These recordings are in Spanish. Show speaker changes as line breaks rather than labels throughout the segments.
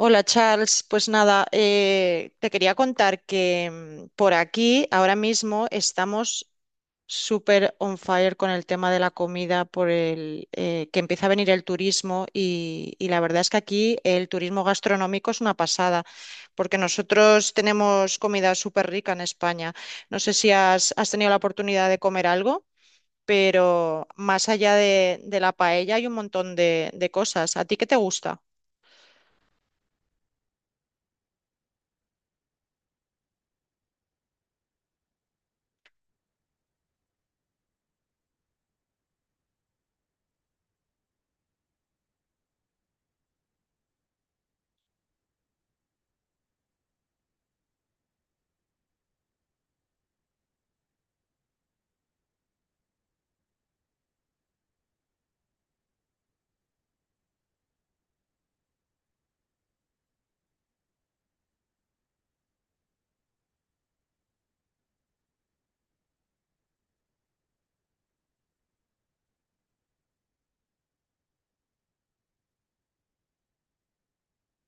Hola Charles, pues nada, te quería contar que por aquí ahora mismo estamos súper on fire con el tema de la comida, por el que empieza a venir el turismo y la verdad es que aquí el turismo gastronómico es una pasada, porque nosotros tenemos comida súper rica en España. No sé si has tenido la oportunidad de comer algo, pero más allá de la paella hay un montón de cosas. ¿A ti qué te gusta?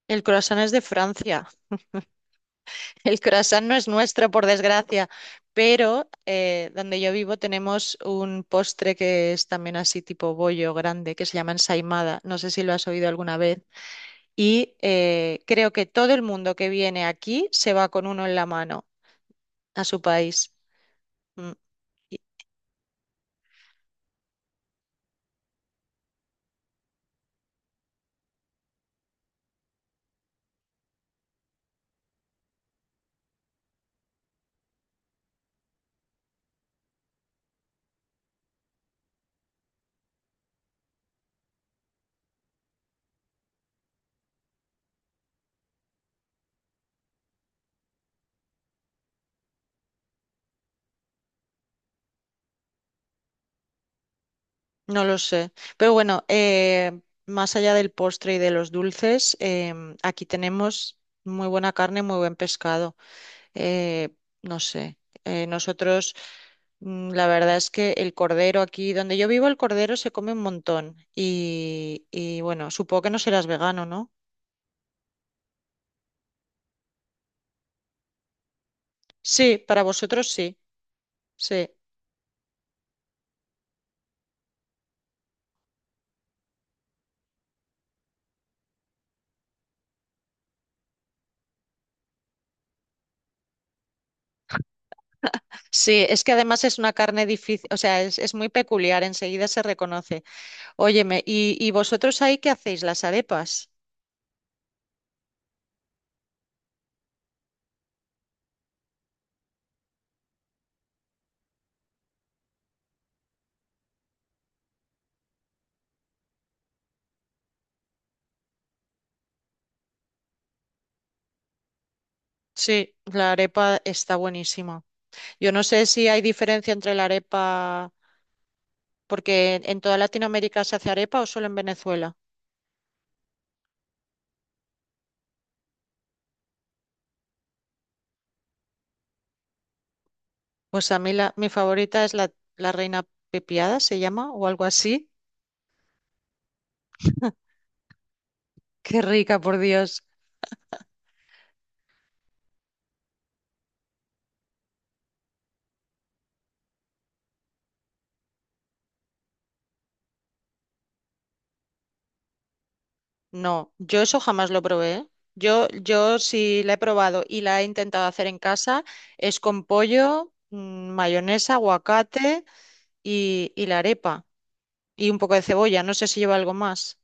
El croissant es de Francia. El croissant no es nuestro, por desgracia, pero donde yo vivo tenemos un postre que es también así tipo bollo grande, que se llama ensaimada. No sé si lo has oído alguna vez. Y creo que todo el mundo que viene aquí se va con uno en la mano a su país. Mm, y- No lo sé. Pero bueno, más allá del postre y de los dulces, aquí tenemos muy buena carne, muy buen pescado. Eh, no sé, nosotros, mm, La verdad es que el cordero aquí, donde yo vivo, el cordero se come un montón. Y bueno, supongo que no serás vegano, ¿no? Sí, para vosotros sí, sí. Sí, es que además es una carne difícil, o sea, es muy peculiar, enseguida se reconoce. Óyeme, y vosotros ahí qué hacéis? ¿Las arepas? Sí, la arepa está buenísima. Yo no sé si hay diferencia entre la arepa, porque en toda Latinoamérica se hace arepa o solo en Venezuela. Pues a mí mi favorita es la reina pepiada, se llama, o algo así. Qué rica, por Dios. No, yo eso jamás lo probé. ¿Eh? Yo sí la he probado y la he intentado hacer en casa, es con pollo, mayonesa, aguacate y la arepa. Y un poco de cebolla, no sé si lleva algo más.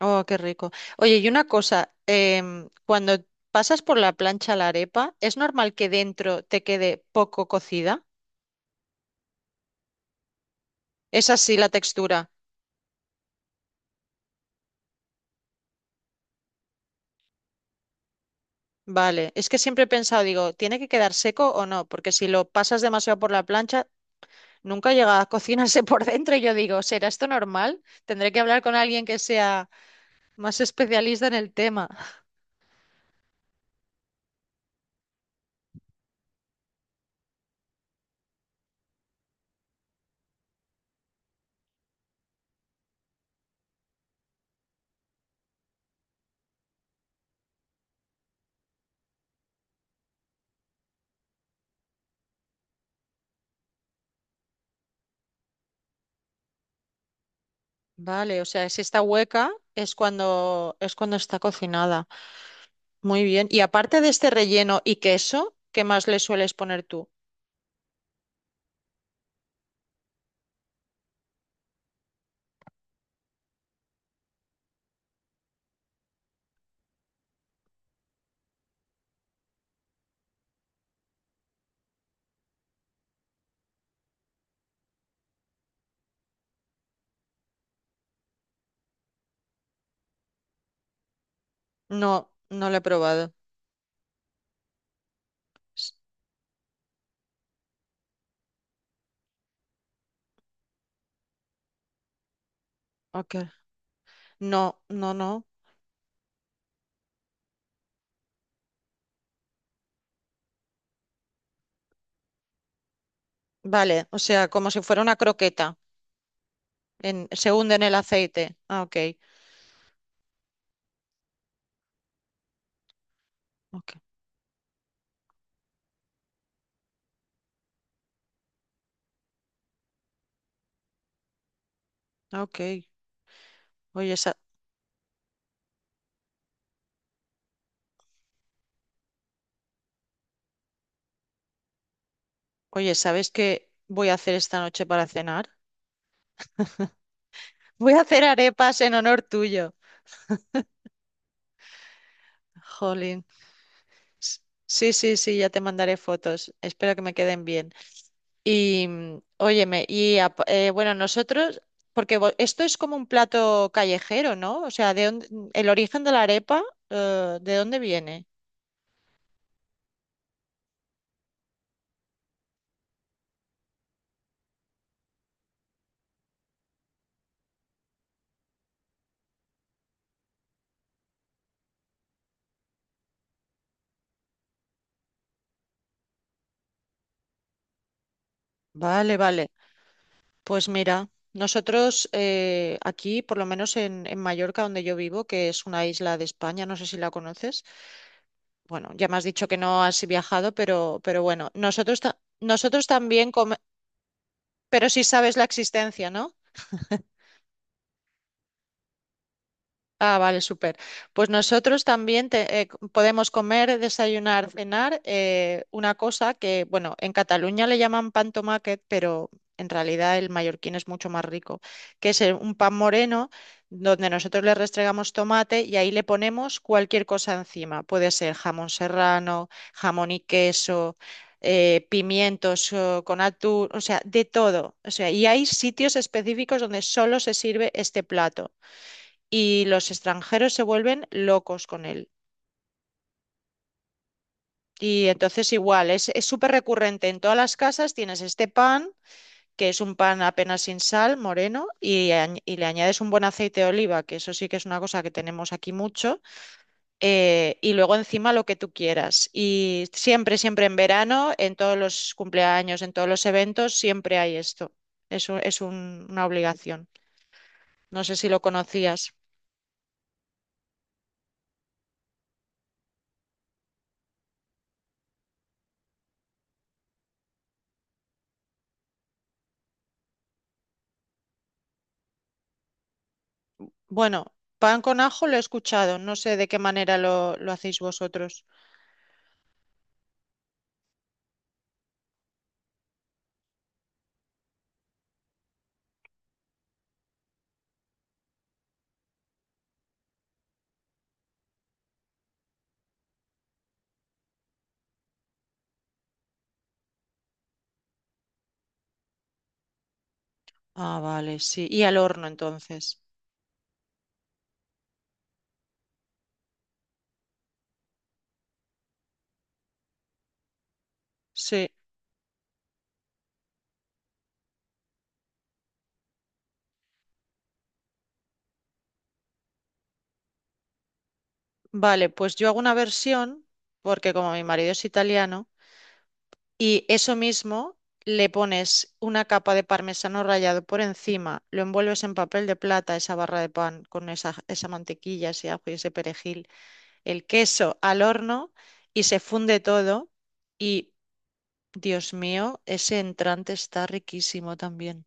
Oh, qué rico. Oye, y una cosa, cuando pasas por la plancha la arepa, ¿es normal que dentro te quede poco cocida? ¿Es así la textura? Vale, es que siempre he pensado, digo, ¿tiene que quedar seco o no? Porque si lo pasas demasiado por la plancha, nunca llega a cocinarse por dentro. Y yo digo, ¿será esto normal? Tendré que hablar con alguien que sea más especialista en el tema. Vale, o sea, si está hueca es cuando está cocinada. Muy bien. Y aparte de este relleno y queso, ¿qué más le sueles poner tú? No, no lo he probado. S- Ok. No, no, no. Vale, o sea, como si fuera una croqueta. Se hunde en el aceite. Ah, ok. Ok, ok. Oye, sa- Oye, ¿sabes qué voy a hacer esta noche para cenar? Voy a hacer arepas en honor tuyo. Jolín. S- Sí, sí, sí, ya te mandaré fotos. Espero que me queden bien. Y óyeme, bueno, esto es como un plato callejero, ¿no? El origen de la arepa, ¿de dónde viene? Vale, vale. Pues mira, nosotros aquí, por lo menos en Mallorca, donde yo vivo, que es una isla de España, no sé si la conoces. Bueno, ya me has dicho que no has viajado, pero bueno, nosotros también pero sí sabes la existencia, ¿no? Ah, vale, súper. Pues nosotros también podemos comer, desayunar, cenar una cosa que, bueno, en Cataluña le llaman pan tomáquet, pero en realidad el mallorquín es mucho más rico, que es un pan moreno donde nosotros le restregamos tomate y ahí le ponemos cualquier cosa encima. Puede ser jamón serrano, jamón y queso. Pimientos con atún, o sea, de todo. O sea, y hay sitios específicos donde solo se sirve este plato y los extranjeros se vuelven locos con él. Y entonces igual, es súper recurrente en todas las casas, tienes este pan, que es un pan apenas sin sal, moreno, y, y le añades un buen aceite de oliva, que eso sí que es una cosa que tenemos aquí mucho, y luego encima lo que tú quieras. Y siempre, siempre en verano, en todos los cumpleaños, en todos los eventos, siempre hay esto. Una obligación. No sé si lo conocías. Bueno, pan con ajo lo he escuchado. No sé de qué manera lo hacéis vosotros. Ah, vale, sí. Y al horno entonces. Sí. Vale, pues yo hago una versión, porque como mi marido es italiano, y eso mismo le pones una capa de parmesano rallado por encima, lo envuelves en papel de plata, esa barra de pan con esa mantequilla, ese ajo y ese perejil, el queso al horno y se funde todo. Y, Dios mío, ese entrante está riquísimo también.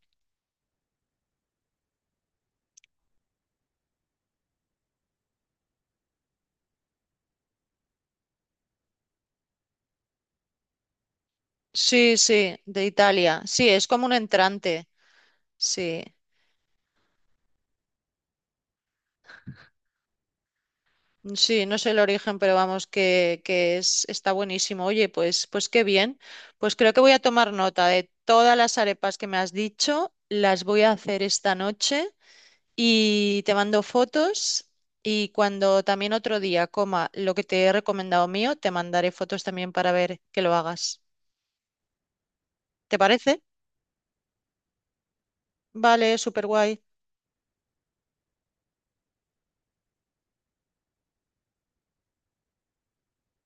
Sí, sí, de Italia. Sí, es como un entrante. Sí, sí, no sé el origen, pero vamos, que es, está buenísimo. Oye, pues, pues qué bien. Pues creo que voy a tomar nota de todas las arepas que me has dicho. Las voy a hacer esta noche y te mando fotos. Y cuando también otro día coma lo que te he recomendado mío, te mandaré fotos también para ver que lo hagas. ¿Te parece? Vale, súper guay.